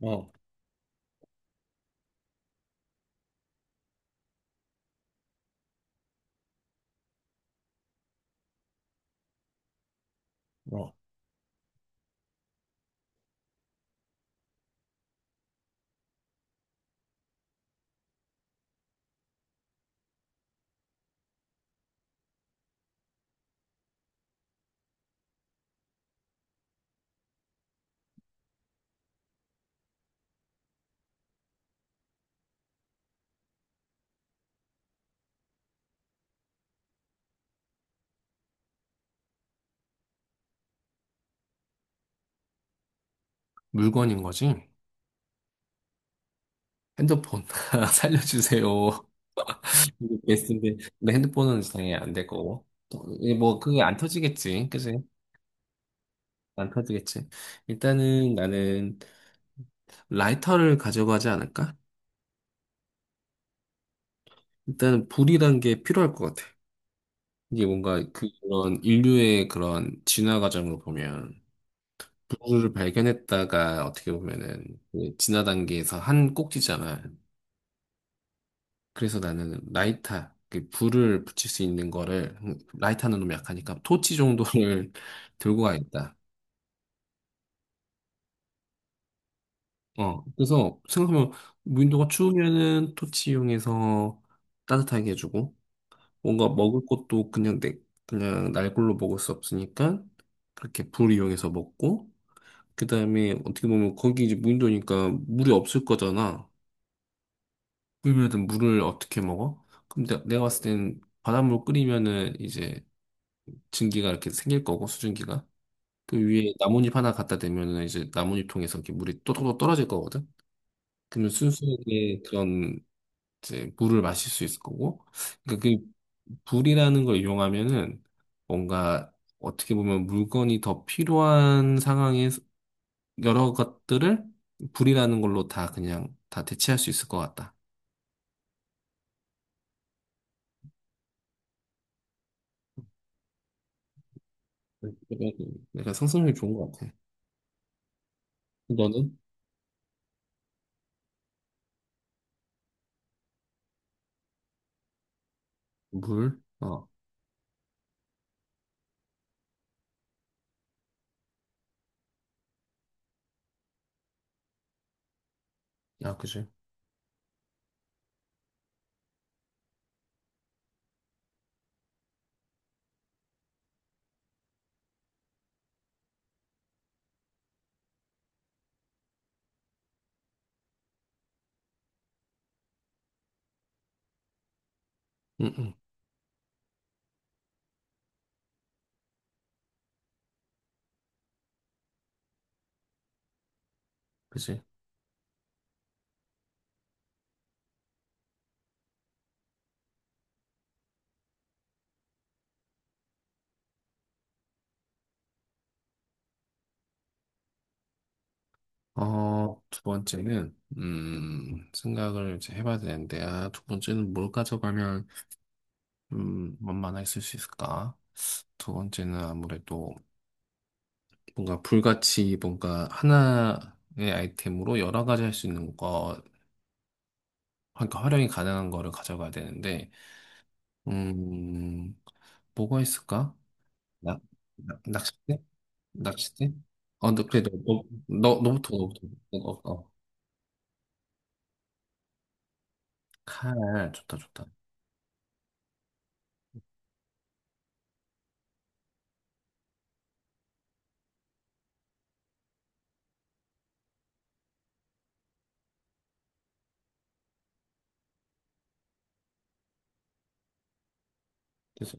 어, 어. 물건인 거지? 핸드폰 살려주세요. 이게 베스트인데 근데 핸드폰은 당연히 안 될 거고 또, 이게 뭐 그게 안 터지겠지, 그지? 안 터지겠지. 일단은 나는 라이터를 가져가지 않을까? 일단은 불이란 게 필요할 것 같아. 이게 뭔가 그런 인류의 그런 진화 과정으로 보면 불을 발견했다가 어떻게 보면은 그 진화 단계에서 한 꼭지잖아. 그래서 나는 라이터, 그 불을 붙일 수 있는 거를, 라이터는 너무 약하니까 토치 정도를 들고 가겠다. 어, 그래서 생각하면 무인도가 추우면은 토치 이용해서 따뜻하게 해주고, 뭔가 먹을 것도 그냥 내, 그냥 날골로 먹을 수 없으니까, 그렇게 불 이용해서 먹고, 그 다음에 어떻게 보면 거기 이제 무인도니까 물이 없을 거잖아. 그러면 물을 어떻게 먹어? 근데 내가 봤을 땐 바닷물 끓이면은 이제 증기가 이렇게 생길 거고 수증기가 그 위에 나뭇잎 하나 갖다 대면은 이제 나뭇잎 통해서 이렇게 물이 또또또 떨어질 거거든. 그러면 순수하게 그런 이제 물을 마실 수 있을 거고. 그러니까 그 불이라는 걸 이용하면은 뭔가 어떻게 보면 물건이 더 필요한 상황에 여러 것들을 불이라는 걸로 다 그냥 다 대체할 수 있을 것 같다. 내가 상상력이 좋은 것 같아. 너는? 물? 어, 야, 그지? 응, 응, 그지? 어, 두 번째는, 생각을 이제 해봐야 되는데, 아, 두 번째는 뭘 가져가면, 만만하 있을 수 있을까? 두 번째는 아무래도 뭔가 불같이 뭔가 하나의 아이템으로 여러 가지 할 수 있는 거, 그러니까 활용이 가능한 거를 가져가야 되는데, 음, 뭐가 있을까? 낚, 낚싯대? 낚싯대? 어, 너, 그래, 너 너부터, 너부터. 어, 어. 어. 칼, 좋다, 좋다. 그래서,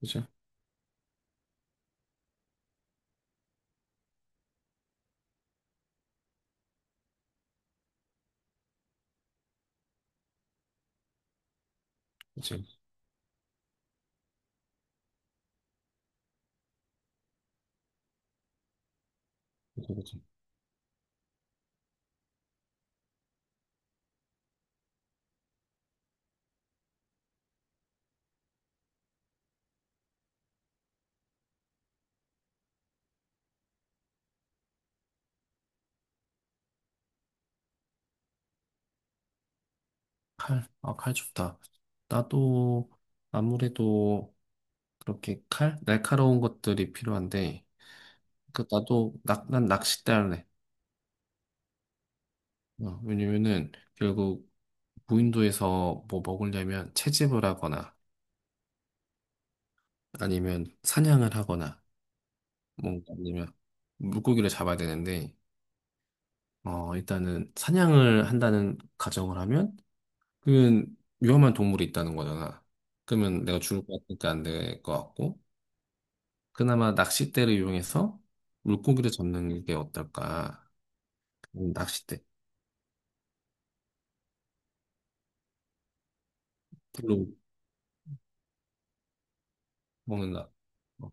그죠? 그치. 그치, 그치. 아, 칼 좋다. 나도 아무래도 그렇게 칼? 날카로운 것들이 필요한데, 그, 나도, 난 낚싯대 할래. 어, 왜냐면은, 결국, 무인도에서 뭐 먹으려면 채집을 하거나, 아니면 사냥을 하거나, 뭔가 아니면 물고기를 잡아야 되는데, 어, 일단은 사냥을 한다는 가정을 하면, 그건 위험한 동물이 있다는 거잖아. 그러면 내가 죽을 것 같으니까 안 될 것 같고, 그나마 낚싯대를 이용해서 물고기를 잡는 게 어떨까? 낚싯대, 불로 먹는다. 어,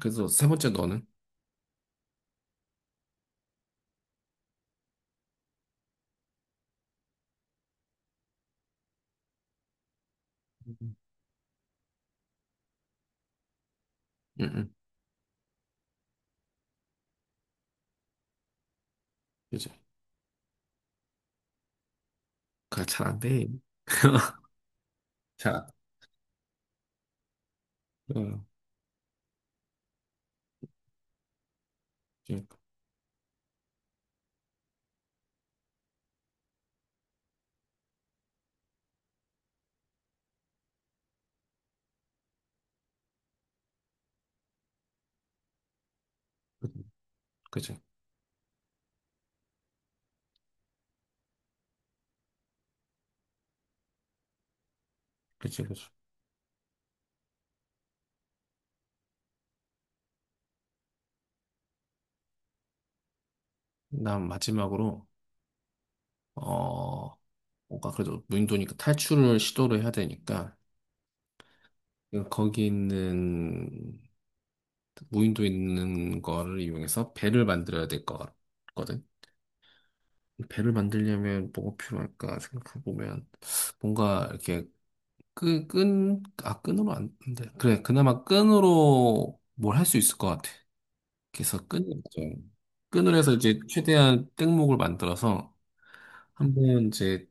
그래서 세 번째 너는? 응, 응, 그치. 그잘안 돼. 자, 어, 그치, 그치, 그치, 그치. 난 마지막으로, 어, 뭔가 그래도 무인도니까 탈출을 시도를 해야 되니까, 거기 있는, 무인도 있는 거를 이용해서 배를 만들어야 될 것 같거든. 배를 만들려면 뭐가 필요할까 생각해보면 뭔가 이렇게 끈, 아, 끈으로 안 돼. 그래, 그나마 끈으로 뭘 할 수 있을 것 같아. 그래서 끈이 있죠. 끈을 해서 이제 최대한 땡목을 만들어서 한번 이제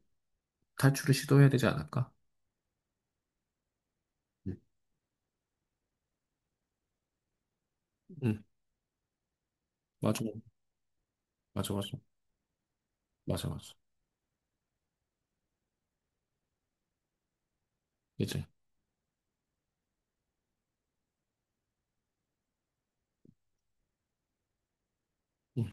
탈출을 시도해야 되지 않을까? 응, 응, 맞아, 맞아, 맞아, 맞아, 맞아. 그치? 응.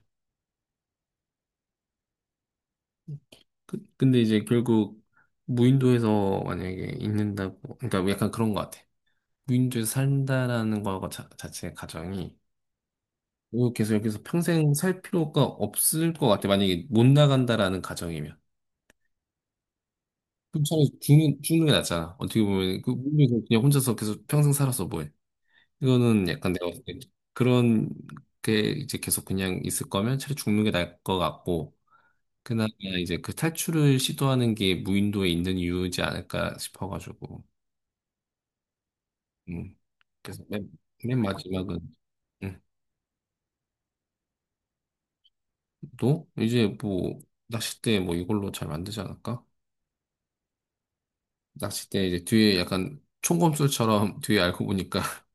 근데 이제 결국 무인도에서 만약에 있는다고, 그러니까 약간 그런 것 같아. 무인도에서 산다라는 거 자체의 가정이 이거 계속 여기서 평생 살 필요가 없을 것 같아. 만약에 못 나간다라는 가정이면. 그럼 차라리 죽는 게 낫잖아. 어떻게 보면, 그, 물리 그냥 혼자서 계속 평생 살아서 뭐해. 이거는 약간 내가 봤을 때 그런 게 이제 계속 그냥 있을 거면 차라리 죽는 게 나을 것 같고, 그나마 이제 그 탈출을 시도하는 게 무인도에 있는 이유지 않을까 싶어가지고, 음. 그래서 맨 마지막은, 음. 또 이제 뭐, 낚싯대 뭐 이걸로 잘 만들지 않을까? 낚싯대 이제 뒤에 약간 총검술처럼 뒤에 알고 보니까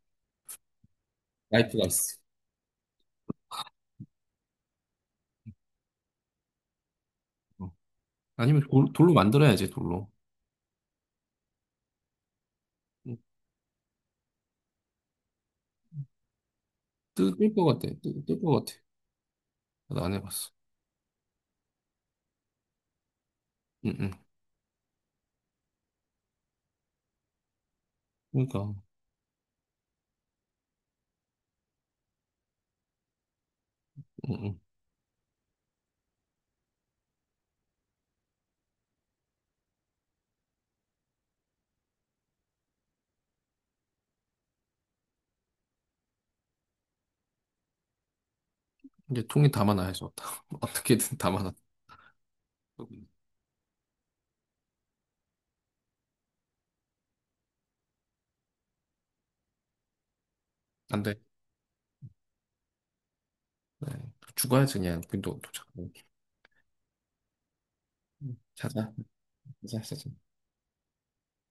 라이프가 있어. 어. 아니면 돌, 돌로 만들어야지, 돌로. 뜰것 같아. 뜰것 같아. 나도 안 해봤어. 응, 응. 그러니까, 응, 응. 이제 통에 담아놔야지, 어떻게든 담아놔. 안 돼. 네. 죽어야지, 그냥. 근데 도착. 자자, 자자, 자자.